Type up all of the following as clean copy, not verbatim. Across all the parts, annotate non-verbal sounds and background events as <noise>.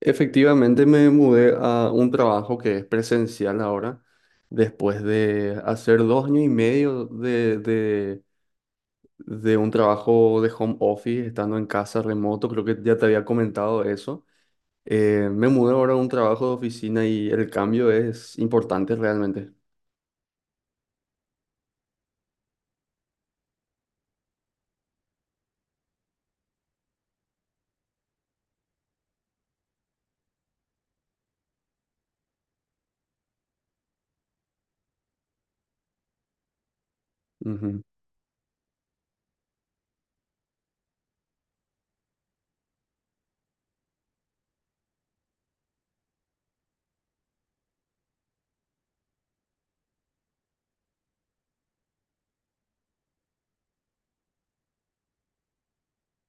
Efectivamente me mudé a un trabajo que es presencial ahora, después de hacer dos años y medio de un trabajo de home office, estando en casa remoto, creo que ya te había comentado eso. Me mudé ahora a un trabajo de oficina y el cambio es importante realmente. Ujú.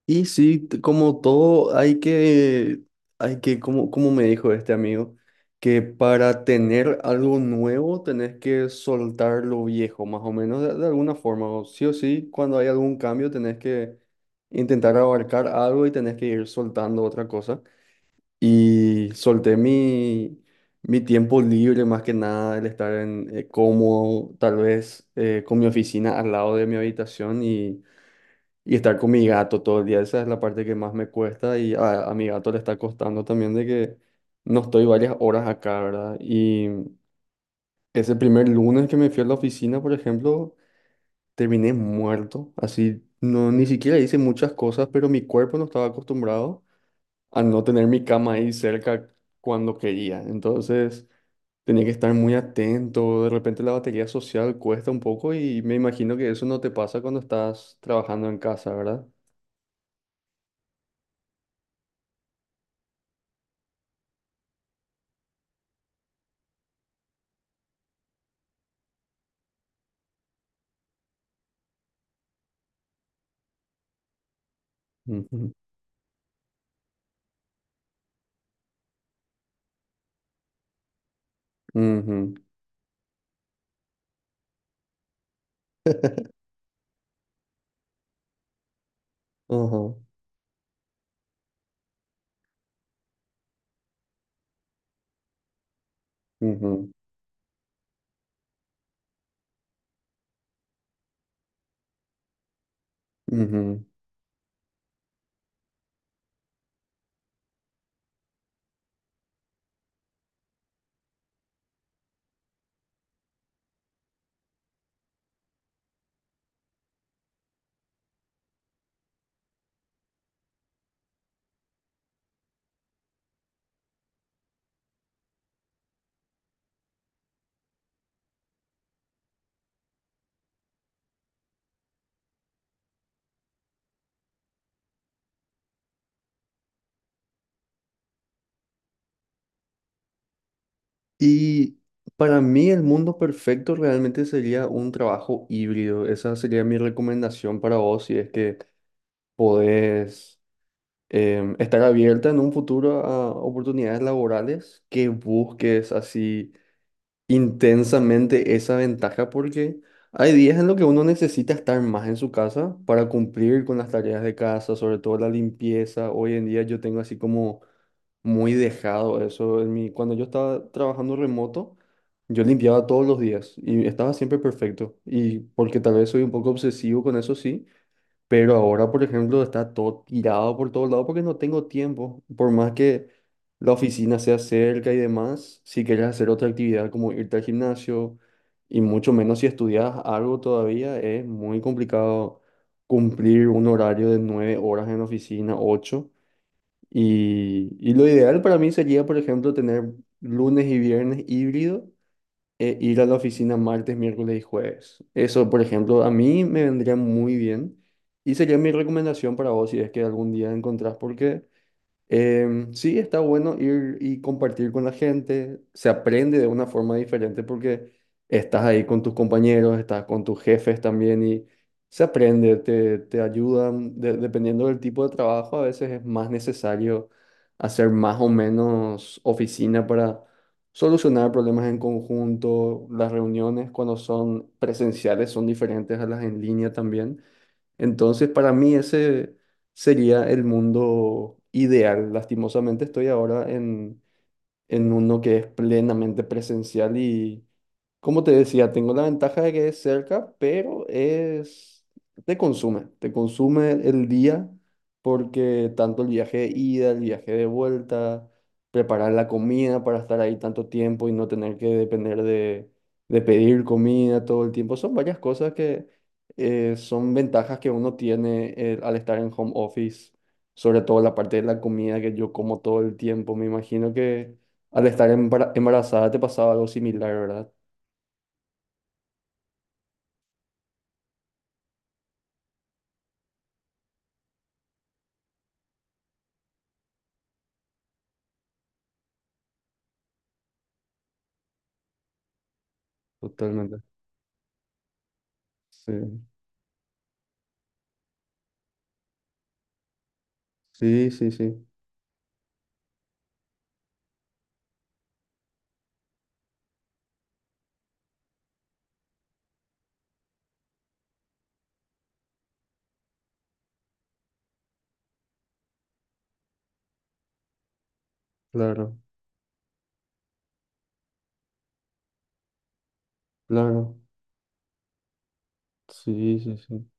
Y sí, como todo, como me dijo este amigo, que para tener algo nuevo tenés que soltar lo viejo, más o menos, de alguna forma. O sí, cuando hay algún cambio tenés que intentar abarcar algo y tenés que ir soltando otra cosa. Y solté mi tiempo libre, más que nada, el estar en, cómodo, tal vez con mi oficina al lado de mi habitación y estar con mi gato todo el día, esa es la parte que más me cuesta y a mi gato le está costando también de que no estoy varias horas acá, ¿verdad? Y ese primer lunes que me fui a la oficina, por ejemplo, terminé muerto, así, no, ni siquiera hice muchas cosas, pero mi cuerpo no estaba acostumbrado a no tener mi cama ahí cerca cuando quería. Entonces tenía que estar muy atento, de repente la batería social cuesta un poco y me imagino que eso no te pasa cuando estás trabajando en casa, ¿verdad? Ujú. Ujú. <laughs> Ujú, ujú, ujú. Y para mí el mundo perfecto realmente sería un trabajo híbrido. Esa sería mi recomendación para vos si es que podés estar abierta en un futuro a oportunidades laborales que busques así intensamente esa ventaja porque hay días en los que uno necesita estar más en su casa para cumplir con las tareas de casa, sobre todo la limpieza. Hoy en día yo tengo así como muy dejado eso. Cuando yo estaba trabajando remoto, yo limpiaba todos los días y estaba siempre perfecto. Y porque tal vez soy un poco obsesivo con eso, sí, pero ahora, por ejemplo, está todo tirado por todos lados porque no tengo tiempo. Por más que la oficina sea cerca y demás, si quieres hacer otra actividad como irte al gimnasio y mucho menos si estudias algo todavía, es muy complicado cumplir un horario de nueve horas en la oficina, ocho. Y lo ideal para mí sería, por ejemplo, tener lunes y viernes híbrido e ir a la oficina martes, miércoles y jueves. Eso, por ejemplo, a mí me vendría muy bien y sería mi recomendación para vos si es que algún día encontrás, porque sí, está bueno ir y compartir con la gente. Se aprende de una forma diferente porque estás ahí con tus compañeros, estás con tus jefes también y se aprende, te ayudan. Dependiendo del tipo de trabajo, a veces es más necesario hacer más o menos oficina para solucionar problemas en conjunto. Las reuniones cuando son presenciales son diferentes a las en línea también. Entonces, para mí ese sería el mundo ideal. Lastimosamente estoy ahora en uno que es plenamente presencial y, como te decía, tengo la ventaja de que es cerca, pero es, te consume el día porque tanto el viaje de ida, el viaje de vuelta, preparar la comida para estar ahí tanto tiempo y no tener que depender de pedir comida todo el tiempo, son varias cosas que son ventajas que uno tiene al estar en home office. Sobre todo la parte de la comida que yo como todo el tiempo. Me imagino que al estar embarazada te pasaba algo similar, ¿verdad? Totalmente. Sí, sí, sí, sí, claro, claro. Sí, sí, sí,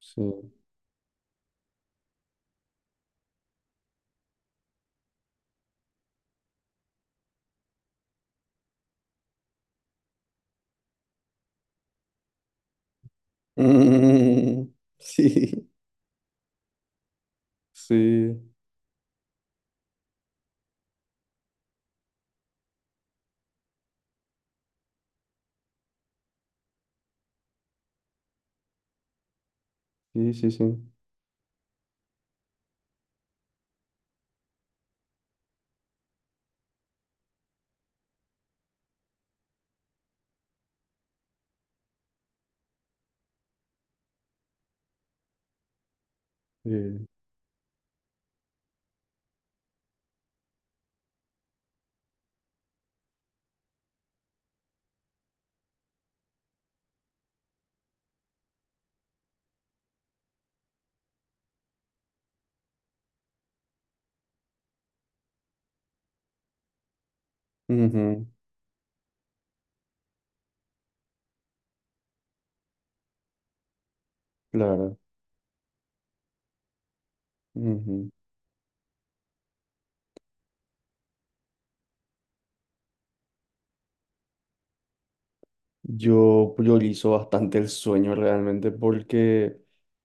sí. <laughs> Mm, sí. Sí, sí, sí, sí. Eh, ujú, claro. Ujú. Yo priorizo bastante el sueño realmente porque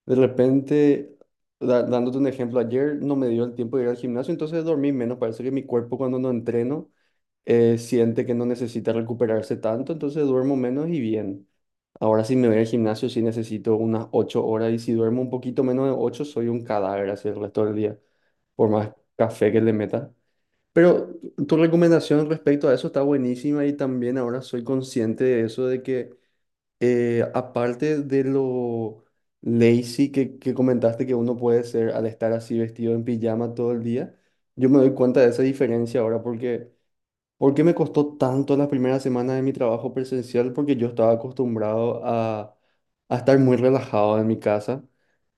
de repente, dándote un ejemplo, ayer no me dio el tiempo de ir al gimnasio, entonces dormí menos. Parece que mi cuerpo cuando no entreno... siente que no necesita recuperarse tanto, entonces duermo menos y bien. Ahora si me voy al gimnasio sí necesito unas 8 horas y si duermo un poquito menos de 8 soy un cadáver así el resto del día, por más café que le meta. Pero tu recomendación respecto a eso está buenísima y también ahora soy consciente de eso, de que aparte de lo lazy que comentaste que uno puede ser al estar así vestido en pijama todo el día, yo me doy cuenta de esa diferencia ahora porque... ¿Por qué me costó tanto las primeras semanas de mi trabajo presencial? Porque yo estaba acostumbrado a estar muy relajado en mi casa,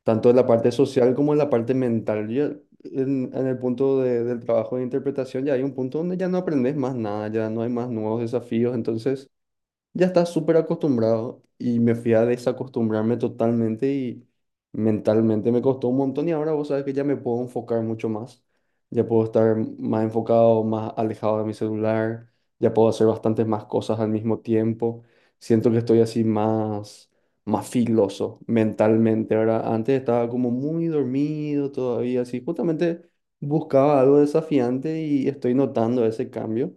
tanto en la parte social como en la parte mental. Yo, en el punto del trabajo de interpretación ya hay un punto donde ya no aprendes más nada, ya no hay más nuevos desafíos, entonces ya estaba súper acostumbrado y me fui a desacostumbrarme totalmente y mentalmente me costó un montón y ahora vos sabes que ya me puedo enfocar mucho más, ya puedo estar más enfocado, más alejado de mi celular, ya puedo hacer bastantes más cosas al mismo tiempo, siento que estoy así más, más filoso mentalmente, ahora antes estaba como muy dormido todavía, así justamente buscaba algo desafiante y estoy notando ese cambio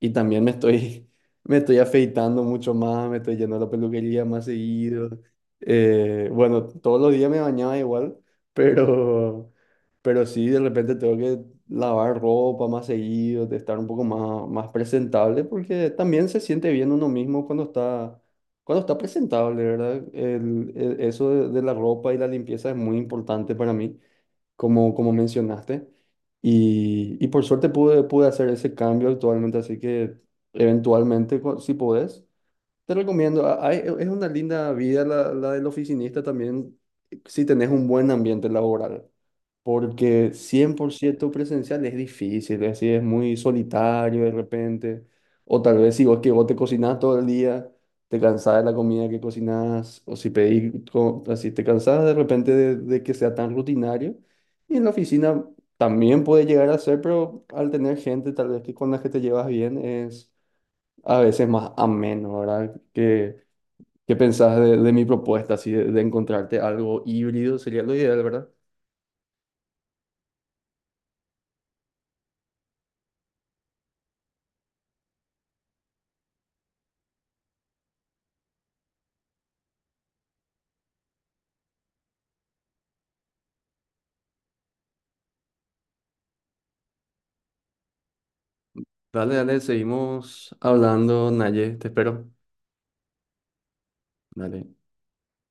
y también me estoy... <laughs> Me estoy afeitando mucho más, me estoy yendo a la peluquería más seguido. Bueno, todos los días me bañaba igual, pero, pero sí, de repente tengo que lavar ropa más seguido, de estar un poco más presentable, porque también se siente bien uno mismo cuando está presentable, ¿verdad? Eso de la ropa y la limpieza es muy importante para mí como mencionaste. Y por suerte pude hacer ese cambio actualmente, así que eventualmente, si podés, te recomiendo, es una linda vida la del oficinista también si tenés un buen ambiente laboral, porque 100% presencial es difícil, es decir, es muy solitario de repente, o tal vez si vos que vos te cocinás todo el día, te cansás de la comida que cocinás, o si pedís, así te cansás de repente de que sea tan rutinario, y en la oficina también puede llegar a ser, pero al tener gente tal vez que con la que te llevas bien es a veces más ameno, ¿verdad? ¿Qué pensás de mi propuesta, así de encontrarte algo híbrido? Sería lo ideal, ¿verdad? Dale, dale, seguimos hablando, Naye, te espero. Dale.